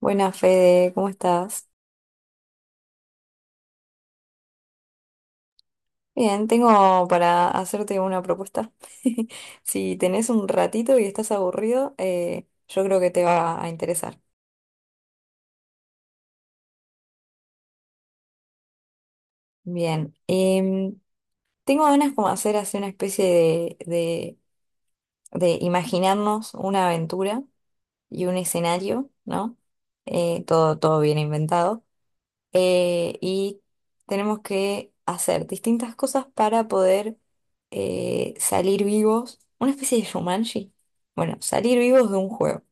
Buenas, Fede, ¿cómo estás? Bien, tengo para hacerte una propuesta. Si tenés un ratito y estás aburrido, yo creo que te va a interesar. Bien, tengo ganas como hacer así una especie de de imaginarnos una aventura y un escenario, ¿no? Todo bien inventado. Y tenemos que hacer distintas cosas para poder salir vivos, una especie de Shumanji. Bueno, salir vivos de un juego.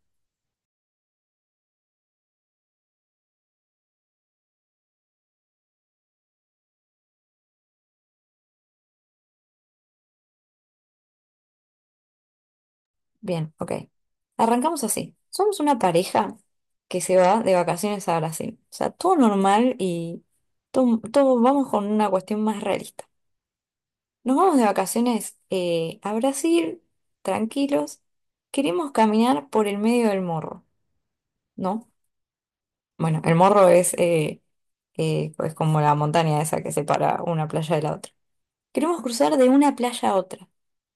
Bien, ok. Arrancamos así. Somos una pareja que se va de vacaciones a Brasil. O sea, todo normal y todo, vamos con una cuestión más realista. Nos vamos de vacaciones a Brasil, tranquilos. Queremos caminar por el medio del morro, ¿no? Bueno, el morro es, es como la montaña esa que separa una playa de la otra. Queremos cruzar de una playa a otra.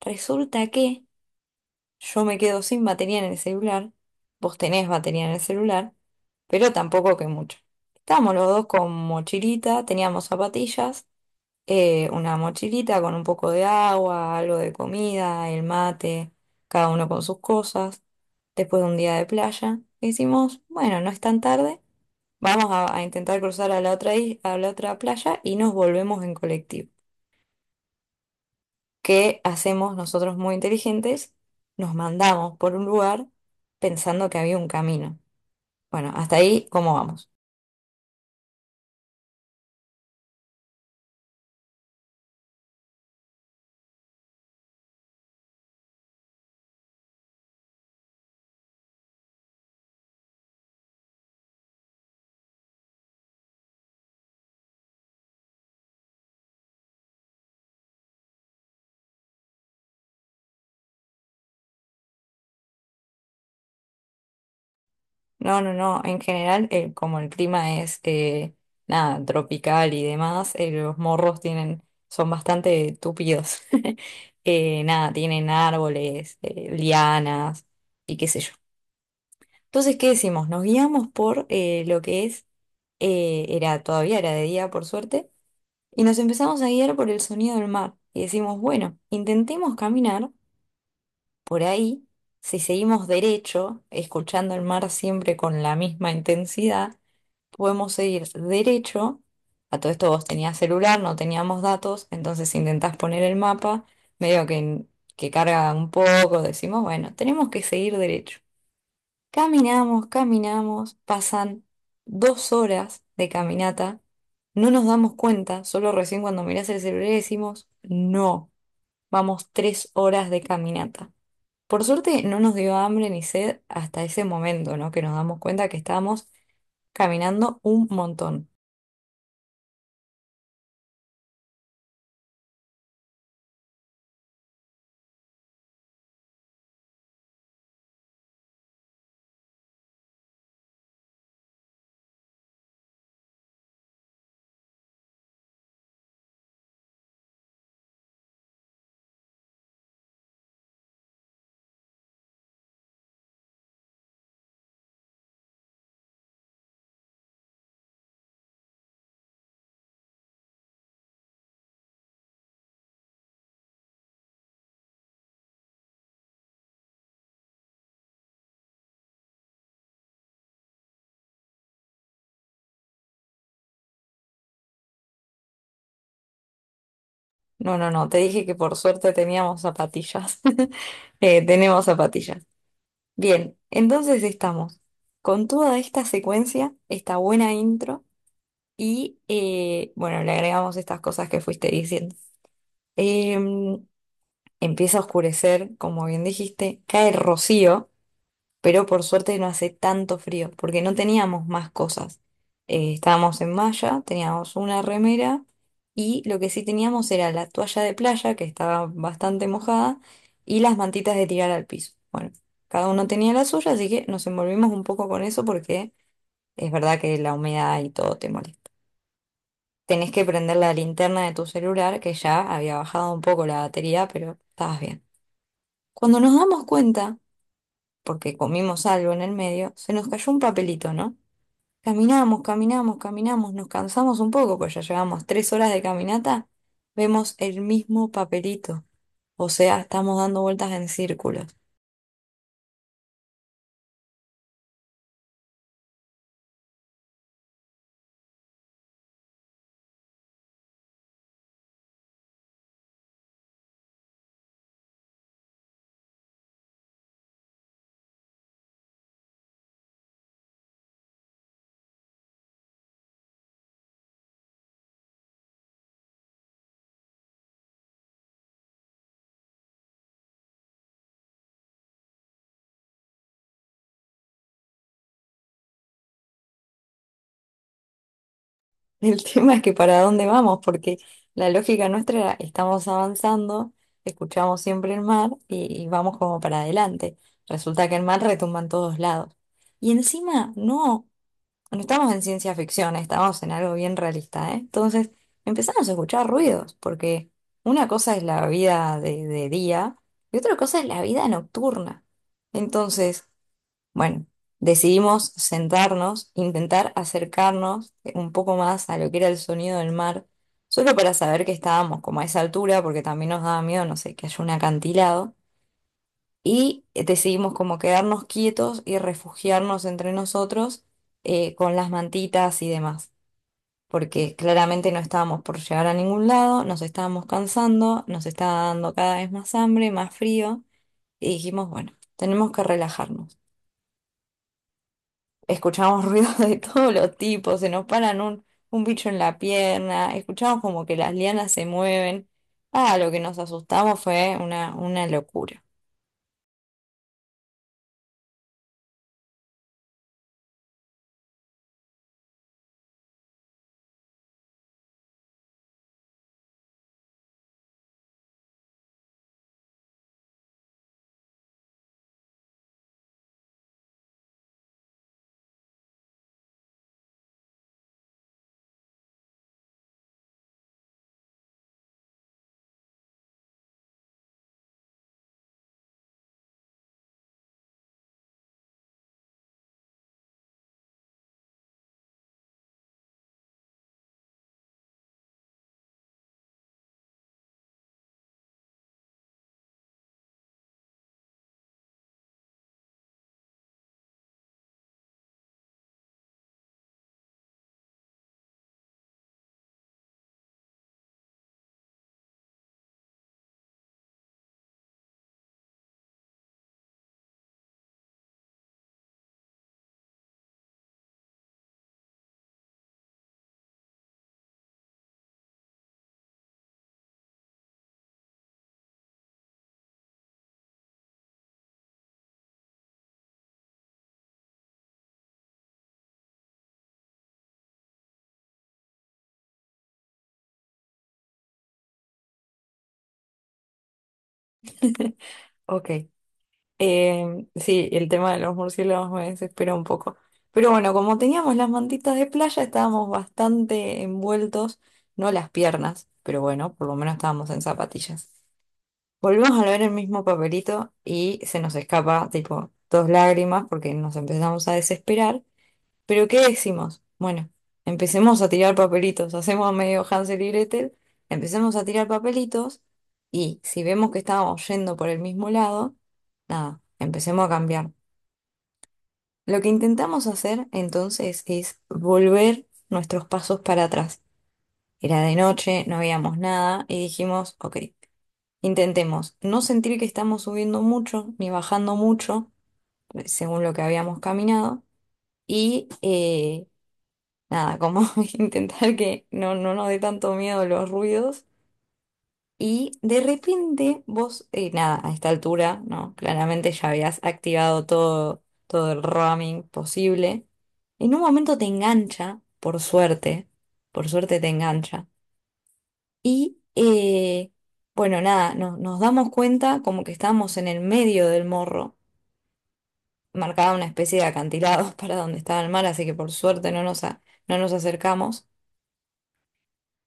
Resulta que yo me quedo sin batería en el celular, vos tenés batería en el celular, pero tampoco que mucho. Estábamos los dos con mochilita, teníamos zapatillas, una mochilita con un poco de agua, algo de comida, el mate, cada uno con sus cosas. Después de un día de playa, decimos, bueno, no es tan tarde. Vamos a intentar cruzar a la otra, a la otra playa y nos volvemos en colectivo. ¿Qué hacemos nosotros muy inteligentes? Nos mandamos por un lugar pensando que había un camino. Bueno, hasta ahí, ¿cómo vamos? No, no, no. En general, como el clima es nada, tropical y demás, los morros tienen, son bastante tupidos. Nada, tienen árboles, lianas y qué sé yo. Entonces, ¿qué decimos? Nos guiamos por lo que es, era de día, por suerte, y nos empezamos a guiar por el sonido del mar. Y decimos, bueno, intentemos caminar por ahí, si seguimos derecho, escuchando el mar siempre con la misma intensidad, podemos seguir derecho. A todo esto vos tenías celular, no teníamos datos, entonces intentás poner el mapa, medio que carga un poco, decimos, bueno, tenemos que seguir derecho. Caminamos, caminamos, pasan 2 horas de caminata, no nos damos cuenta, solo recién cuando mirás el celular decimos, no, vamos 3 horas de caminata. Por suerte no nos dio hambre ni sed hasta ese momento, ¿no? Que nos damos cuenta que estábamos caminando un montón. No, no, no, te dije que por suerte teníamos zapatillas. Tenemos zapatillas. Bien, entonces estamos con toda esta secuencia, esta buena intro. Y bueno, le agregamos estas cosas que fuiste diciendo. Em, Empieza a oscurecer, como bien dijiste, cae rocío, pero por suerte no hace tanto frío, porque no teníamos más cosas. Estábamos en malla, teníamos una remera y lo que sí teníamos era la toalla de playa, que estaba bastante mojada, y las mantitas de tirar al piso. Bueno, cada uno tenía la suya, así que nos envolvimos un poco con eso porque es verdad que la humedad y todo te molesta. Tenés que prender la linterna de tu celular, que ya había bajado un poco la batería, pero estabas bien. Cuando nos damos cuenta, porque comimos algo en el medio, se nos cayó un papelito, ¿no? Caminamos, caminamos, caminamos, nos cansamos un poco, pues ya llevamos 3 horas de caminata, vemos el mismo papelito, o sea, estamos dando vueltas en círculo. El tema es que para dónde vamos, porque la lógica nuestra era, estamos avanzando, escuchamos siempre el mar y vamos como para adelante. Resulta que el mar retumba en todos lados. Y encima, no, no estamos en ciencia ficción, estamos en algo bien realista, ¿eh? Entonces empezamos a escuchar ruidos, porque una cosa es la vida de día y otra cosa es la vida nocturna. Entonces, bueno, decidimos sentarnos, intentar acercarnos un poco más a lo que era el sonido del mar, solo para saber que estábamos como a esa altura, porque también nos daba miedo, no sé, que haya un acantilado. Y decidimos como quedarnos quietos y refugiarnos entre nosotros con las mantitas y demás, porque claramente no estábamos por llegar a ningún lado, nos estábamos cansando, nos estaba dando cada vez más hambre, más frío, y dijimos, bueno, tenemos que relajarnos. Escuchamos ruidos de todos los tipos, se nos paran un bicho en la pierna, escuchamos como que las lianas se mueven. Ah, lo que nos asustamos fue una locura. Ok. Sí, el tema de los murciélagos me desespera un poco. Pero bueno, como teníamos las mantitas de playa, estábamos bastante envueltos, no las piernas, pero bueno, por lo menos estábamos en zapatillas. Volvemos a ver el mismo papelito y se nos escapa, tipo, dos lágrimas porque nos empezamos a desesperar. ¿Pero qué decimos? Bueno, empecemos a tirar papelitos, hacemos medio Hansel y Gretel, empecemos a tirar papelitos y si vemos que estamos yendo por el mismo lado, nada, empecemos a cambiar. Lo que intentamos hacer entonces es volver nuestros pasos para atrás. Era de noche, no veíamos nada y dijimos, ok, intentemos no sentir que estamos subiendo mucho ni bajando mucho, según lo que habíamos caminado, y... nada, como intentar que no nos dé tanto miedo los ruidos. Y de repente vos, nada, a esta altura, ¿no? Claramente ya habías activado todo el roaming posible. En un momento te engancha, por suerte te engancha. Y, bueno, nada, nos damos cuenta como que estábamos en el medio del morro, marcaba una especie de acantilado para donde estaba el mar, así que por suerte no nos acercamos.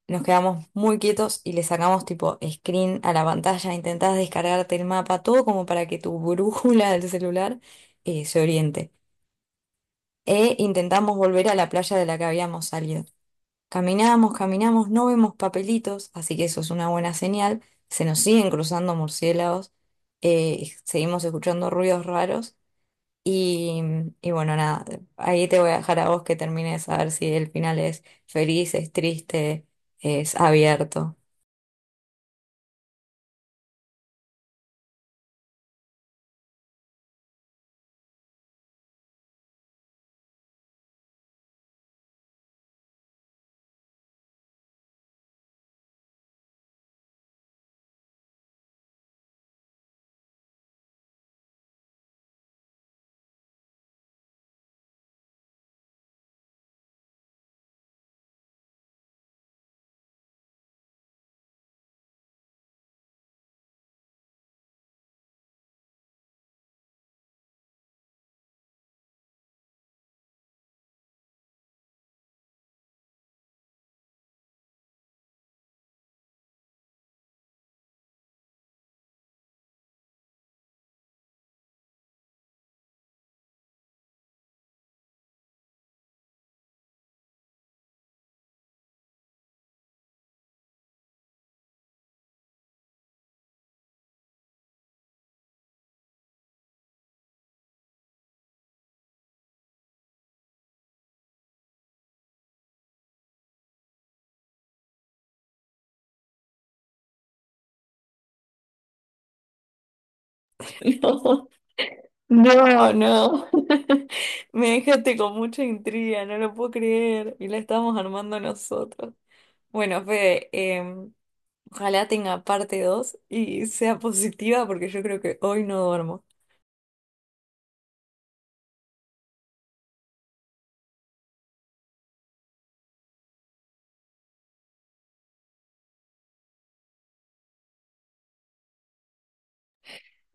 Nos quedamos muy quietos y le sacamos tipo screen a la pantalla, intentás descargarte el mapa, todo como para que tu brújula del celular se oriente. E intentamos volver a la playa de la que habíamos salido. Caminamos, caminamos, no vemos papelitos, así que eso es una buena señal. Se nos siguen cruzando murciélagos, seguimos escuchando ruidos raros y, y bueno, nada, ahí te voy a dejar a vos que termines a ver si el final es feliz, es triste, es abierto. No, no, no. Me dejaste con mucha intriga, no lo puedo creer. Y la estamos armando nosotros. Bueno, Fede, ojalá tenga parte 2 y sea positiva porque yo creo que hoy no duermo.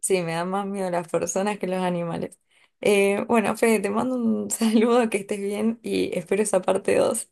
Sí, me dan más miedo las personas que los animales. Bueno, Fede, te mando un saludo, que estés bien y espero esa parte 2